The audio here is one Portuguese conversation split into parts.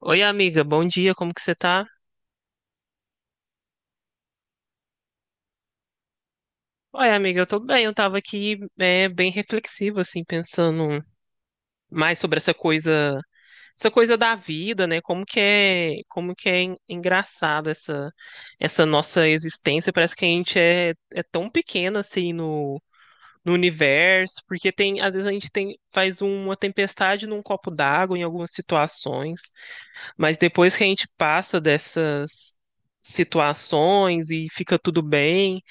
Oi, amiga, bom dia, como que você tá? Oi, amiga, eu tô bem, eu tava aqui bem reflexiva assim, pensando mais sobre essa coisa da vida, né? Como que é engraçado essa nossa existência. Parece que a gente é tão pequena assim, no universo, porque tem, às vezes a gente faz uma tempestade num copo d'água em algumas situações. Mas depois que a gente passa dessas situações e fica tudo bem,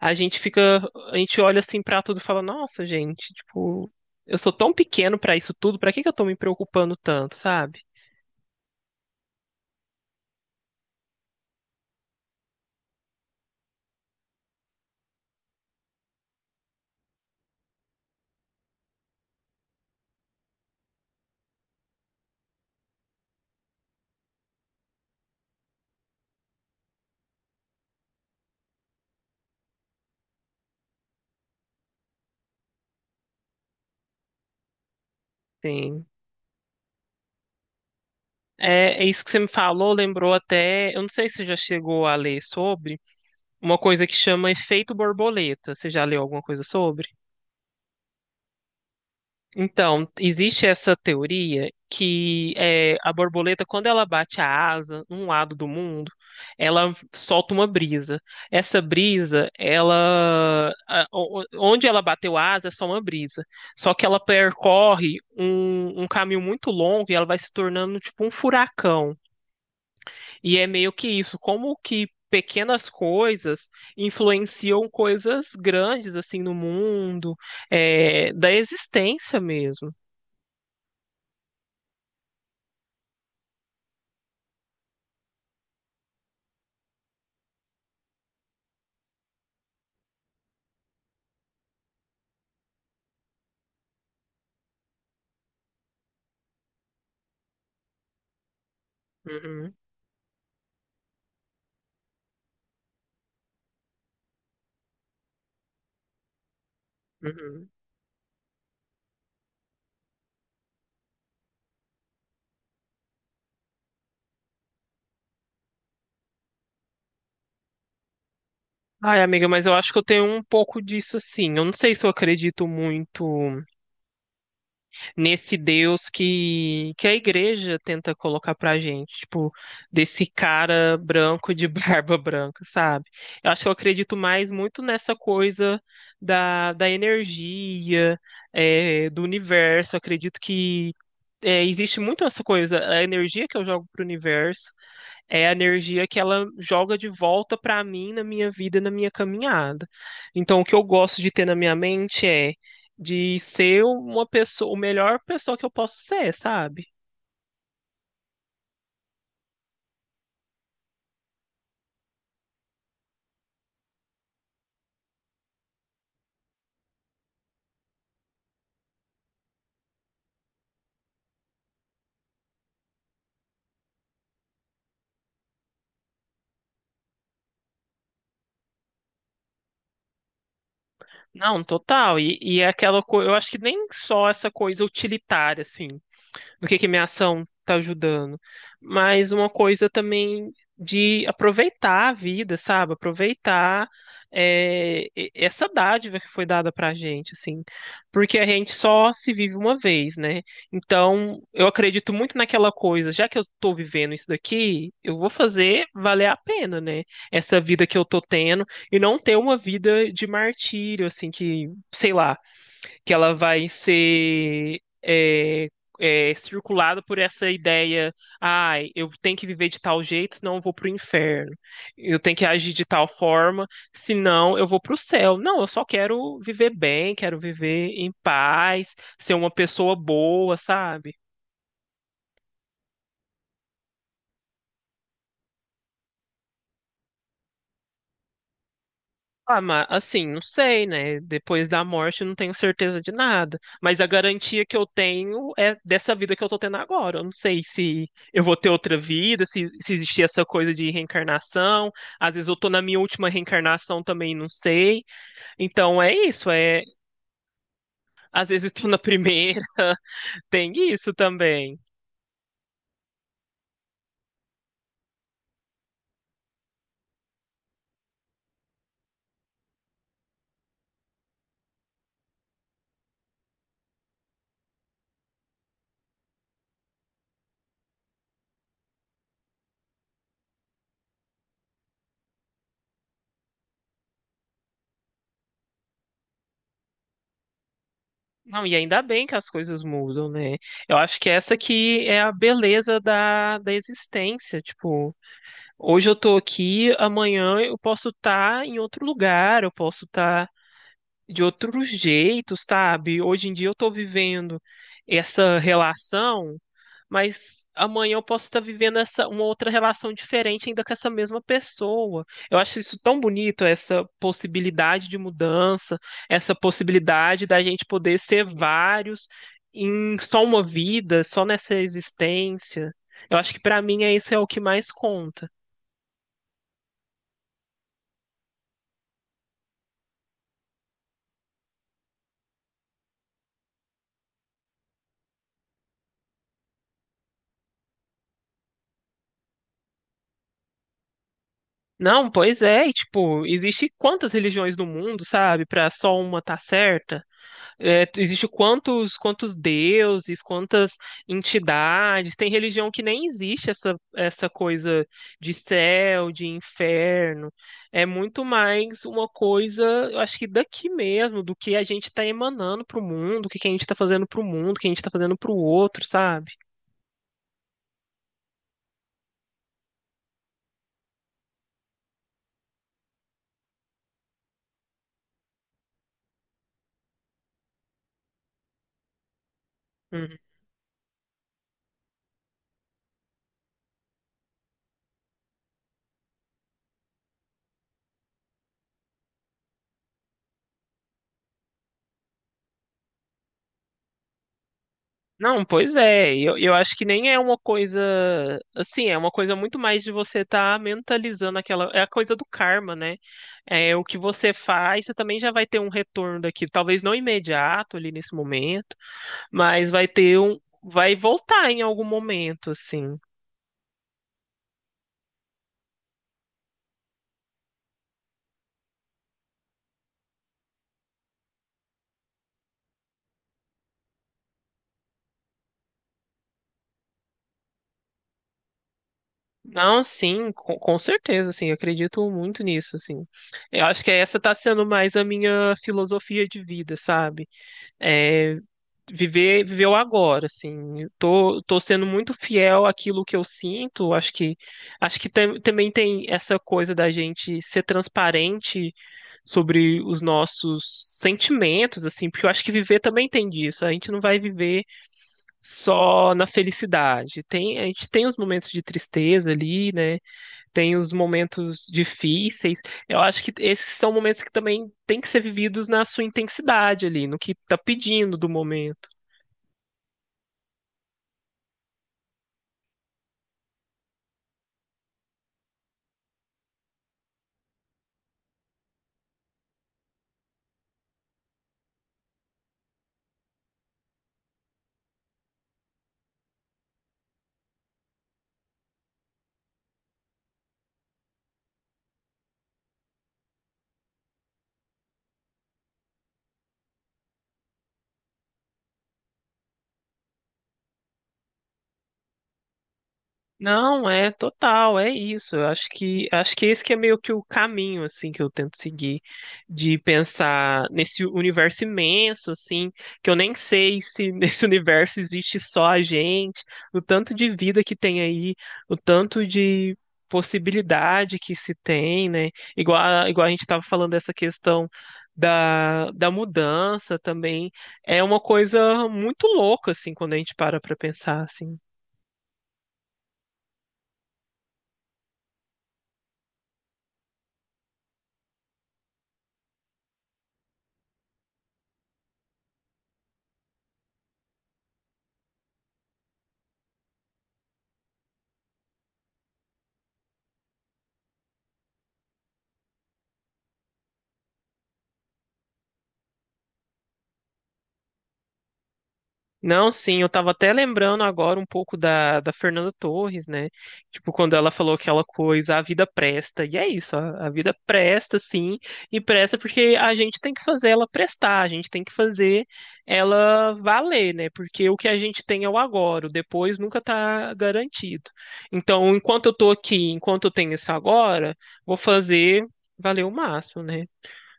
a gente fica, a gente olha assim pra tudo e fala, nossa, gente, tipo, eu sou tão pequeno pra isso tudo, pra que que eu tô me preocupando tanto, sabe? Sim. É, é isso que você me falou, lembrou até. Eu não sei se você já chegou a ler sobre uma coisa que chama efeito borboleta. Você já leu alguma coisa sobre? Então, existe essa teoria que é, a borboleta, quando ela bate a asa num lado do mundo, ela solta uma brisa. Essa brisa, ela, onde ela bateu a asa é só uma brisa. Só que ela percorre um caminho muito longo e ela vai se tornando tipo um furacão. E é meio que isso, como que pequenas coisas influenciam coisas grandes assim no mundo, da existência mesmo. Uhum, uhum. Ai, amiga, mas eu acho que eu tenho um pouco disso assim. Eu não sei se eu acredito muito nesse Deus que a igreja tenta colocar pra gente, tipo, desse cara branco de barba branca, sabe? Eu acho que eu acredito mais muito nessa coisa da energia, do universo. Eu acredito que existe muito essa coisa, a energia que eu jogo pro universo, é a energia que ela joga de volta para mim na minha vida, na minha caminhada. Então, o que eu gosto de ter na minha mente é de ser uma pessoa, o melhor pessoa que eu posso ser, sabe? Não, total. E é aquela coisa, eu acho que nem só essa coisa utilitária, assim, no que minha ação tá ajudando, mas uma coisa também de aproveitar a vida, sabe? Aproveitar essa dádiva que foi dada pra gente, assim, porque a gente só se vive uma vez, né? Então, eu acredito muito naquela coisa, já que eu tô vivendo isso daqui, eu vou fazer valer a pena, né? Essa vida que eu tô tendo e não ter uma vida de martírio, assim, que, sei lá, que ela vai ser é, circulada por essa ideia, ai, eu tenho que viver de tal jeito, senão eu vou pro inferno. Eu tenho que agir de tal forma, senão eu vou pro céu. Não, eu só quero viver bem, quero viver em paz, ser uma pessoa boa, sabe? Ah, mas assim, não sei, né? Depois da morte eu não tenho certeza de nada. Mas a garantia que eu tenho é dessa vida que eu tô tendo agora. Eu não sei se eu vou ter outra vida, se existir essa coisa de reencarnação. Às vezes eu tô na minha última reencarnação também, não sei. Então é isso, é. Às vezes eu tô na primeira, tem isso também. Não, e ainda bem que as coisas mudam, né? Eu acho que essa aqui é a beleza da existência, tipo. Hoje eu tô aqui, amanhã eu posso estar em outro lugar, eu posso estar de outro jeito, sabe? Hoje em dia eu tô vivendo essa relação, mas amanhã eu posso estar vivendo essa uma outra relação diferente ainda com essa mesma pessoa. Eu acho isso tão bonito, essa possibilidade de mudança, essa possibilidade da gente poder ser vários em só uma vida, só nessa existência. Eu acho que pra mim é isso é o que mais conta. Não, pois é, e, tipo, existe quantas religiões no mundo, sabe? Pra só uma tá certa? É, existe quantos deuses, quantas entidades? Tem religião que nem existe essa coisa de céu, de inferno. É muito mais uma coisa, eu acho que daqui mesmo, do que a gente tá emanando pro mundo, o que que a gente tá fazendo pro mundo, o que a gente tá fazendo pro outro, sabe? Não, pois é. Eu acho que nem é uma coisa assim, é uma coisa muito mais de você estar mentalizando aquela. É a coisa do karma, né? É o que você faz, você também já vai ter um retorno daquilo. Talvez não imediato ali nesse momento, mas vai ter um. Vai voltar em algum momento, assim. Não, sim, com certeza, assim, eu acredito muito nisso, assim. Eu acho que essa tá sendo mais a minha filosofia de vida, sabe? É, viver o agora, assim. Eu tô sendo muito fiel àquilo que eu sinto. Acho que também tem essa coisa da gente ser transparente sobre os nossos sentimentos, assim, porque eu acho que viver também tem disso. A gente não vai viver só na felicidade. Tem, a gente tem os momentos de tristeza ali, né? Tem os momentos difíceis. Eu acho que esses são momentos que também têm que ser vividos na sua intensidade ali, no que tá pedindo do momento. Não, é total, é isso. Eu acho que esse que é meio que o caminho assim que eu tento seguir de pensar nesse universo imenso assim, que eu nem sei se nesse universo existe só a gente, o tanto de vida que tem aí, o tanto de possibilidade que se tem, né? Igual a gente estava falando dessa questão da mudança também, é uma coisa muito louca assim quando a gente para para pensar assim. Não, sim, eu tava até lembrando agora um pouco da Fernanda Torres, né? Tipo, quando ela falou aquela coisa, a vida presta. E é isso, a vida presta, sim, e presta porque a gente tem que fazer ela prestar, a gente tem que fazer ela valer, né? Porque o que a gente tem é o agora, o depois nunca tá garantido. Então, enquanto eu tô aqui, enquanto eu tenho esse agora, vou fazer valer o máximo, né?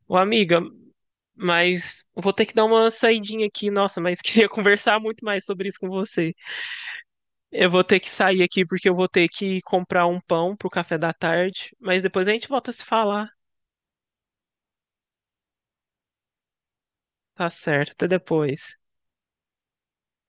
Ô, amiga, mas eu vou ter que dar uma saidinha aqui, nossa, mas queria conversar muito mais sobre isso com você. Eu vou ter que sair aqui porque eu vou ter que comprar um pão pro café da tarde, mas depois a gente volta a se falar. Tá certo, até depois.